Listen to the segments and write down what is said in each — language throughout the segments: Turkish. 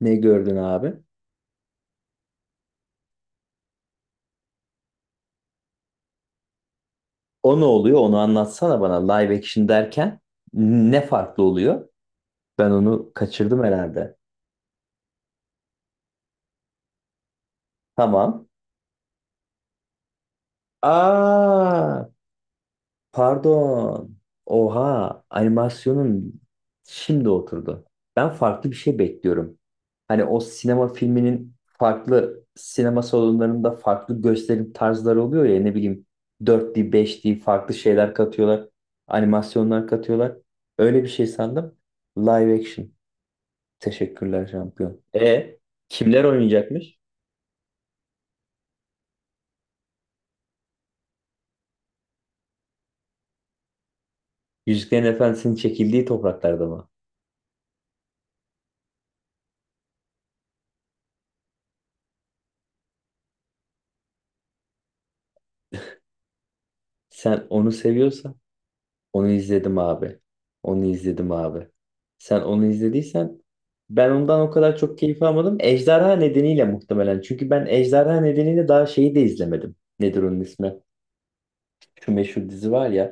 Ne gördün abi? O ne oluyor? Onu anlatsana bana. Live action derken ne farklı oluyor? Ben onu kaçırdım herhalde. Tamam. Aa, pardon. Oha, animasyonun şimdi oturdu. Ben farklı bir şey bekliyorum. Hani o sinema filminin farklı sinema salonlarında farklı gösterim tarzları oluyor ya, ne bileyim, dört d, beş d, farklı şeyler katıyorlar. Animasyonlar katıyorlar. Öyle bir şey sandım. Live action. Teşekkürler şampiyon. E, kimler oynayacakmış? Yüzüklerin Efendisi'nin çekildiği topraklarda mı? Sen onu seviyorsan onu izledim abi. Onu izledim abi. Sen onu izlediysen ben ondan o kadar çok keyif almadım. Ejderha nedeniyle muhtemelen. Çünkü ben Ejderha nedeniyle daha şeyi de izlemedim. Nedir onun ismi? Şu meşhur dizi var ya.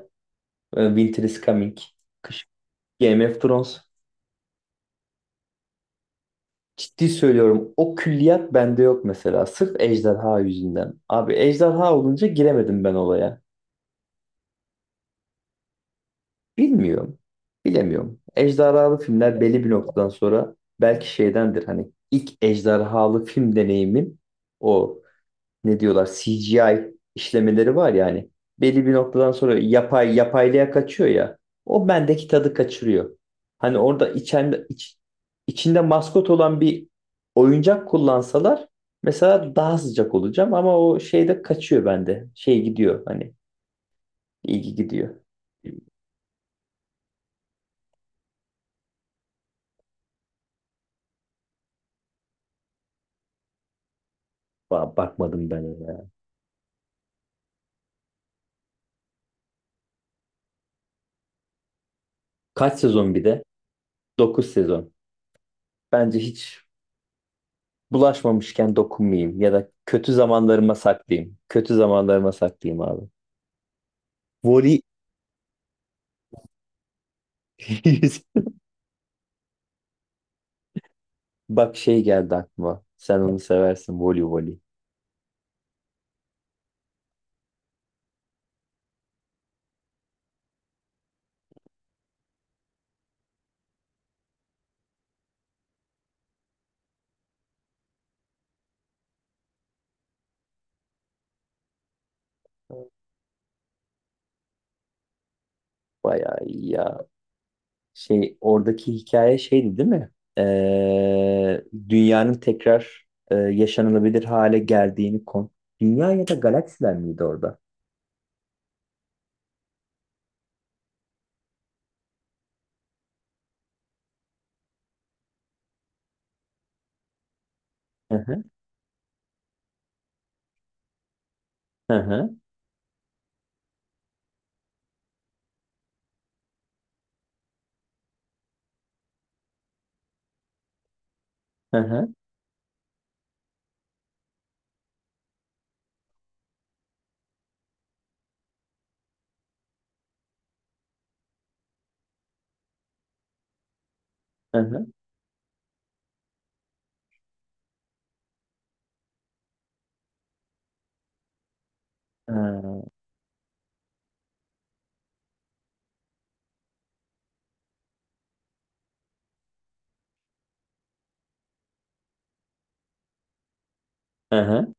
Winter is Coming. Kış. Game of Thrones. Ciddi söylüyorum. O külliyat bende yok mesela. Sırf ejderha yüzünden. Abi ejderha olunca giremedim ben olaya. Bilmiyorum. Bilemiyorum. Ejderhalı filmler belli bir noktadan sonra belki şeydendir. Hani ilk ejderhalı film deneyimim o. Ne diyorlar, CGI işlemeleri var yani. Belli bir noktadan sonra yapay yapaylığa kaçıyor ya. O bendeki tadı kaçırıyor. Hani orada içinde maskot olan bir oyuncak kullansalar mesela daha sıcak olacağım ama o şeyde kaçıyor bende. Şey gidiyor hani, ilgi gidiyor. Bakmadım ben ona. Kaç sezon bir de? 9 sezon. Bence hiç bulaşmamışken dokunmayayım ya da kötü zamanlarıma saklayayım. Kötü zamanlarıma saklayayım abi. Voli bak, şey geldi aklıma. Sen onu seversin, voli voli. Bayağı iyi ya. Şey, oradaki hikaye şeydi değil mi? Ee, Dünyanın tekrar yaşanılabilir hale geldiğini kon. Dünya ya da galaksiler miydi orada? Hı hı, hı hı, hı hı, hı hı, hı hı.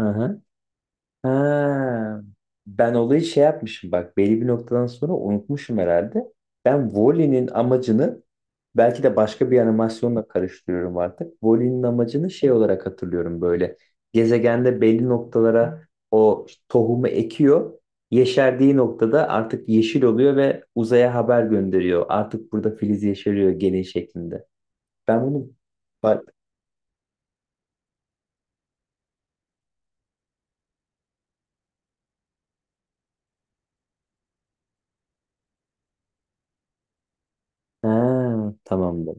Hı. Ha, ben olayı şey yapmışım bak, belli bir noktadan sonra unutmuşum herhalde. Ben Wally'nin amacını belki de başka bir animasyonla karıştırıyorum artık. Wally'nin amacını şey olarak hatırlıyorum böyle. Gezegende belli noktalara o tohumu ekiyor. Yeşerdiği noktada artık yeşil oluyor ve uzaya haber gönderiyor. Artık burada filiz yeşeriyor gene şeklinde. Ben bunu bak. Ha, tamamdır.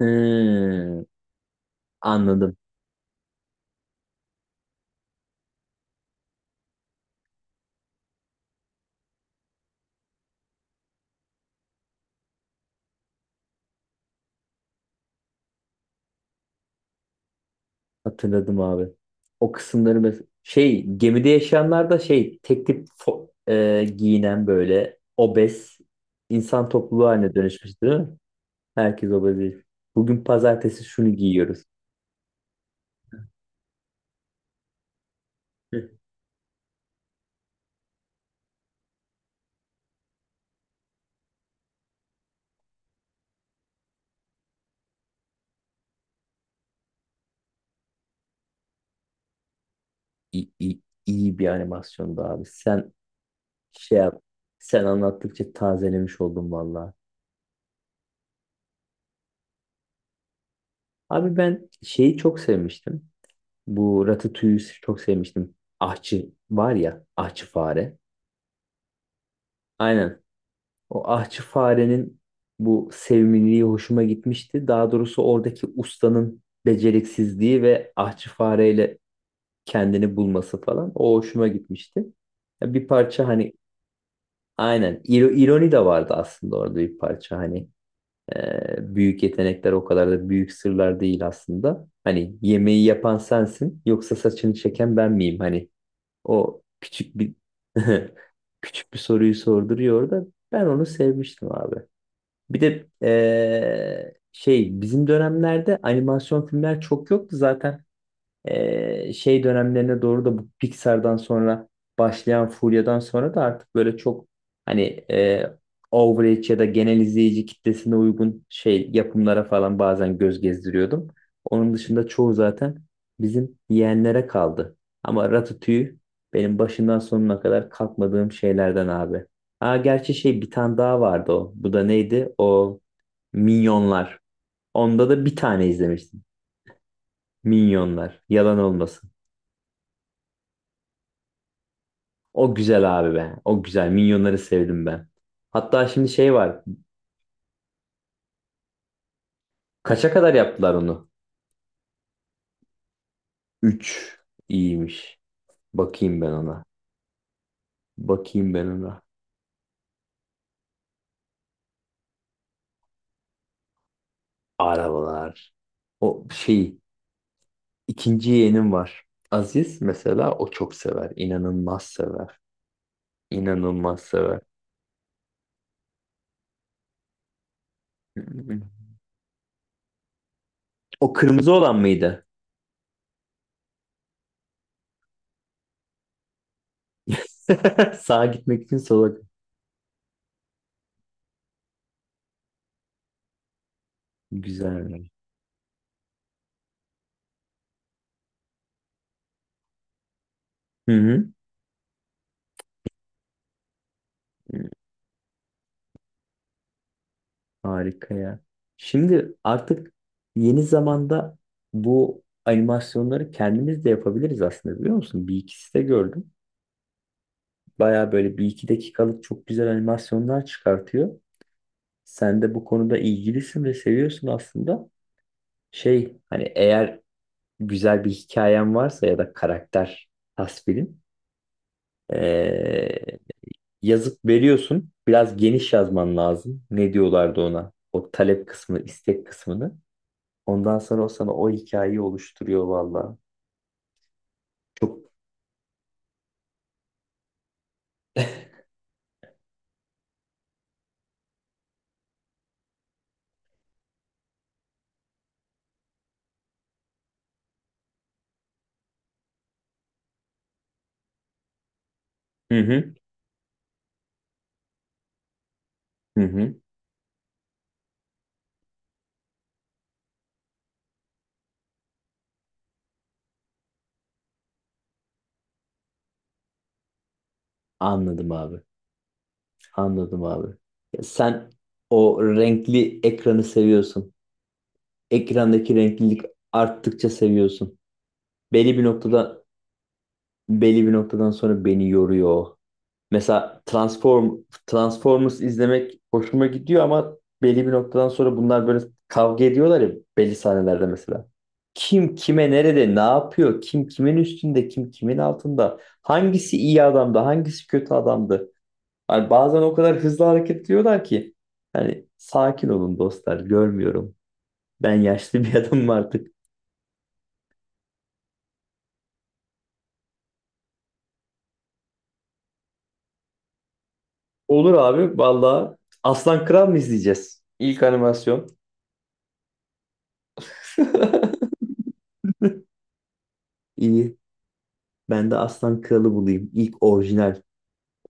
Hmm, anladım. Hatırladım abi. O kısımları şey, gemide yaşayanlar da şey, tek tip giyinen böyle obez insan topluluğu haline dönüşmüş değil mi? Herkes obez, değil. Bugün pazartesi şunu giyiyoruz. Hı. İyi, iyi, iyi bir animasyondu abi. Sen şey yap. Sen anlattıkça tazelemiş oldum valla. Abi ben şeyi çok sevmiştim. Bu Ratatouille'ü çok sevmiştim. Ahçı var ya, ahçı fare. Aynen. O ahçı farenin bu sevimliliği hoşuma gitmişti. Daha doğrusu oradaki ustanın beceriksizliği ve ahçı fareyle kendini bulması falan o hoşuma gitmişti. Ya bir parça hani, aynen ironi de vardı aslında orada bir parça hani, büyük yetenekler o kadar da büyük sırlar değil aslında. Hani yemeği yapan sensin yoksa saçını çeken ben miyim? Hani o küçük bir küçük bir soruyu sorduruyor da ben onu sevmiştim abi. Bir de şey, bizim dönemlerde animasyon filmler çok yoktu zaten. Şey dönemlerine doğru da bu Pixar'dan sonra başlayan furyadan sonra da artık böyle çok hani, eee average ya da genel izleyici kitlesine uygun şey yapımlara falan bazen göz gezdiriyordum. Onun dışında çoğu zaten bizim yeğenlere kaldı. Ama Ratatouille benim başından sonuna kadar kalkmadığım şeylerden abi. Aa, gerçi şey, bir tane daha vardı o. Bu da neydi? O Minyonlar. Onda da bir tane izlemiştim. Minyonlar. Yalan olmasın. O güzel abi be. O güzel. Minyonları sevdim ben. Hatta şimdi şey var. Kaça kadar yaptılar onu? Üç. İyiymiş. Bakayım ben ona. Bakayım ben ona. Arabalar. O şey, İkinci yeğenim var. Aziz mesela o çok sever. İnanılmaz sever. İnanılmaz sever. O kırmızı olan mıydı? Sağa gitmek için sola. Güzel. Hı hı. Hı. Harika ya. Şimdi artık yeni zamanda bu animasyonları kendimiz de yapabiliriz aslında, biliyor musun? Bir ikisi de gördüm. Baya böyle bir iki dakikalık çok güzel animasyonlar çıkartıyor. Sen de bu konuda ilgilisin ve seviyorsun aslında. Şey hani, eğer güzel bir hikayen varsa ya da karakter tasvirin, ee, yazıp veriyorsun. Biraz geniş yazman lazım. Ne diyorlardı ona? O talep kısmı, istek kısmını. Ondan sonra o sana o hikayeyi oluşturuyor valla. Çok. Hı hı. Hı hı. Anladım abi. Anladım abi. Ya sen o renkli ekranı seviyorsun. Ekrandaki renklilik arttıkça seviyorsun. Belli bir noktada belli bir noktadan sonra beni yoruyor, o. Mesela Transformers izlemek hoşuma gidiyor ama belli bir noktadan sonra bunlar böyle kavga ediyorlar ya, belli sahnelerde mesela. Kim kime nerede ne yapıyor? Kim kimin üstünde? Kim kimin altında? Hangisi iyi adamdı? Hangisi kötü adamdı? Yani bazen o kadar hızlı hareket ediyorlar ki hani sakin olun dostlar, görmüyorum. Ben yaşlı bir adamım artık. Olur abi valla. Aslan Kral mı izleyeceğiz? İlk animasyon. İyi. Ben de Aslan Kralı bulayım. İlk orijinal.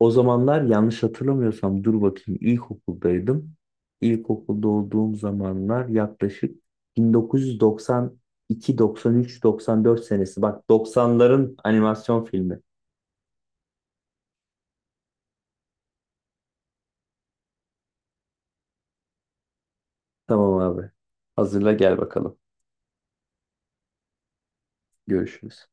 O zamanlar yanlış hatırlamıyorsam, dur bakayım, ilkokuldaydım. İlkokulda olduğum zamanlar yaklaşık 1992, 93, 94 senesi. Bak, 90'ların animasyon filmi. Tamam abi. Hazırla gel bakalım. Görüşürüz.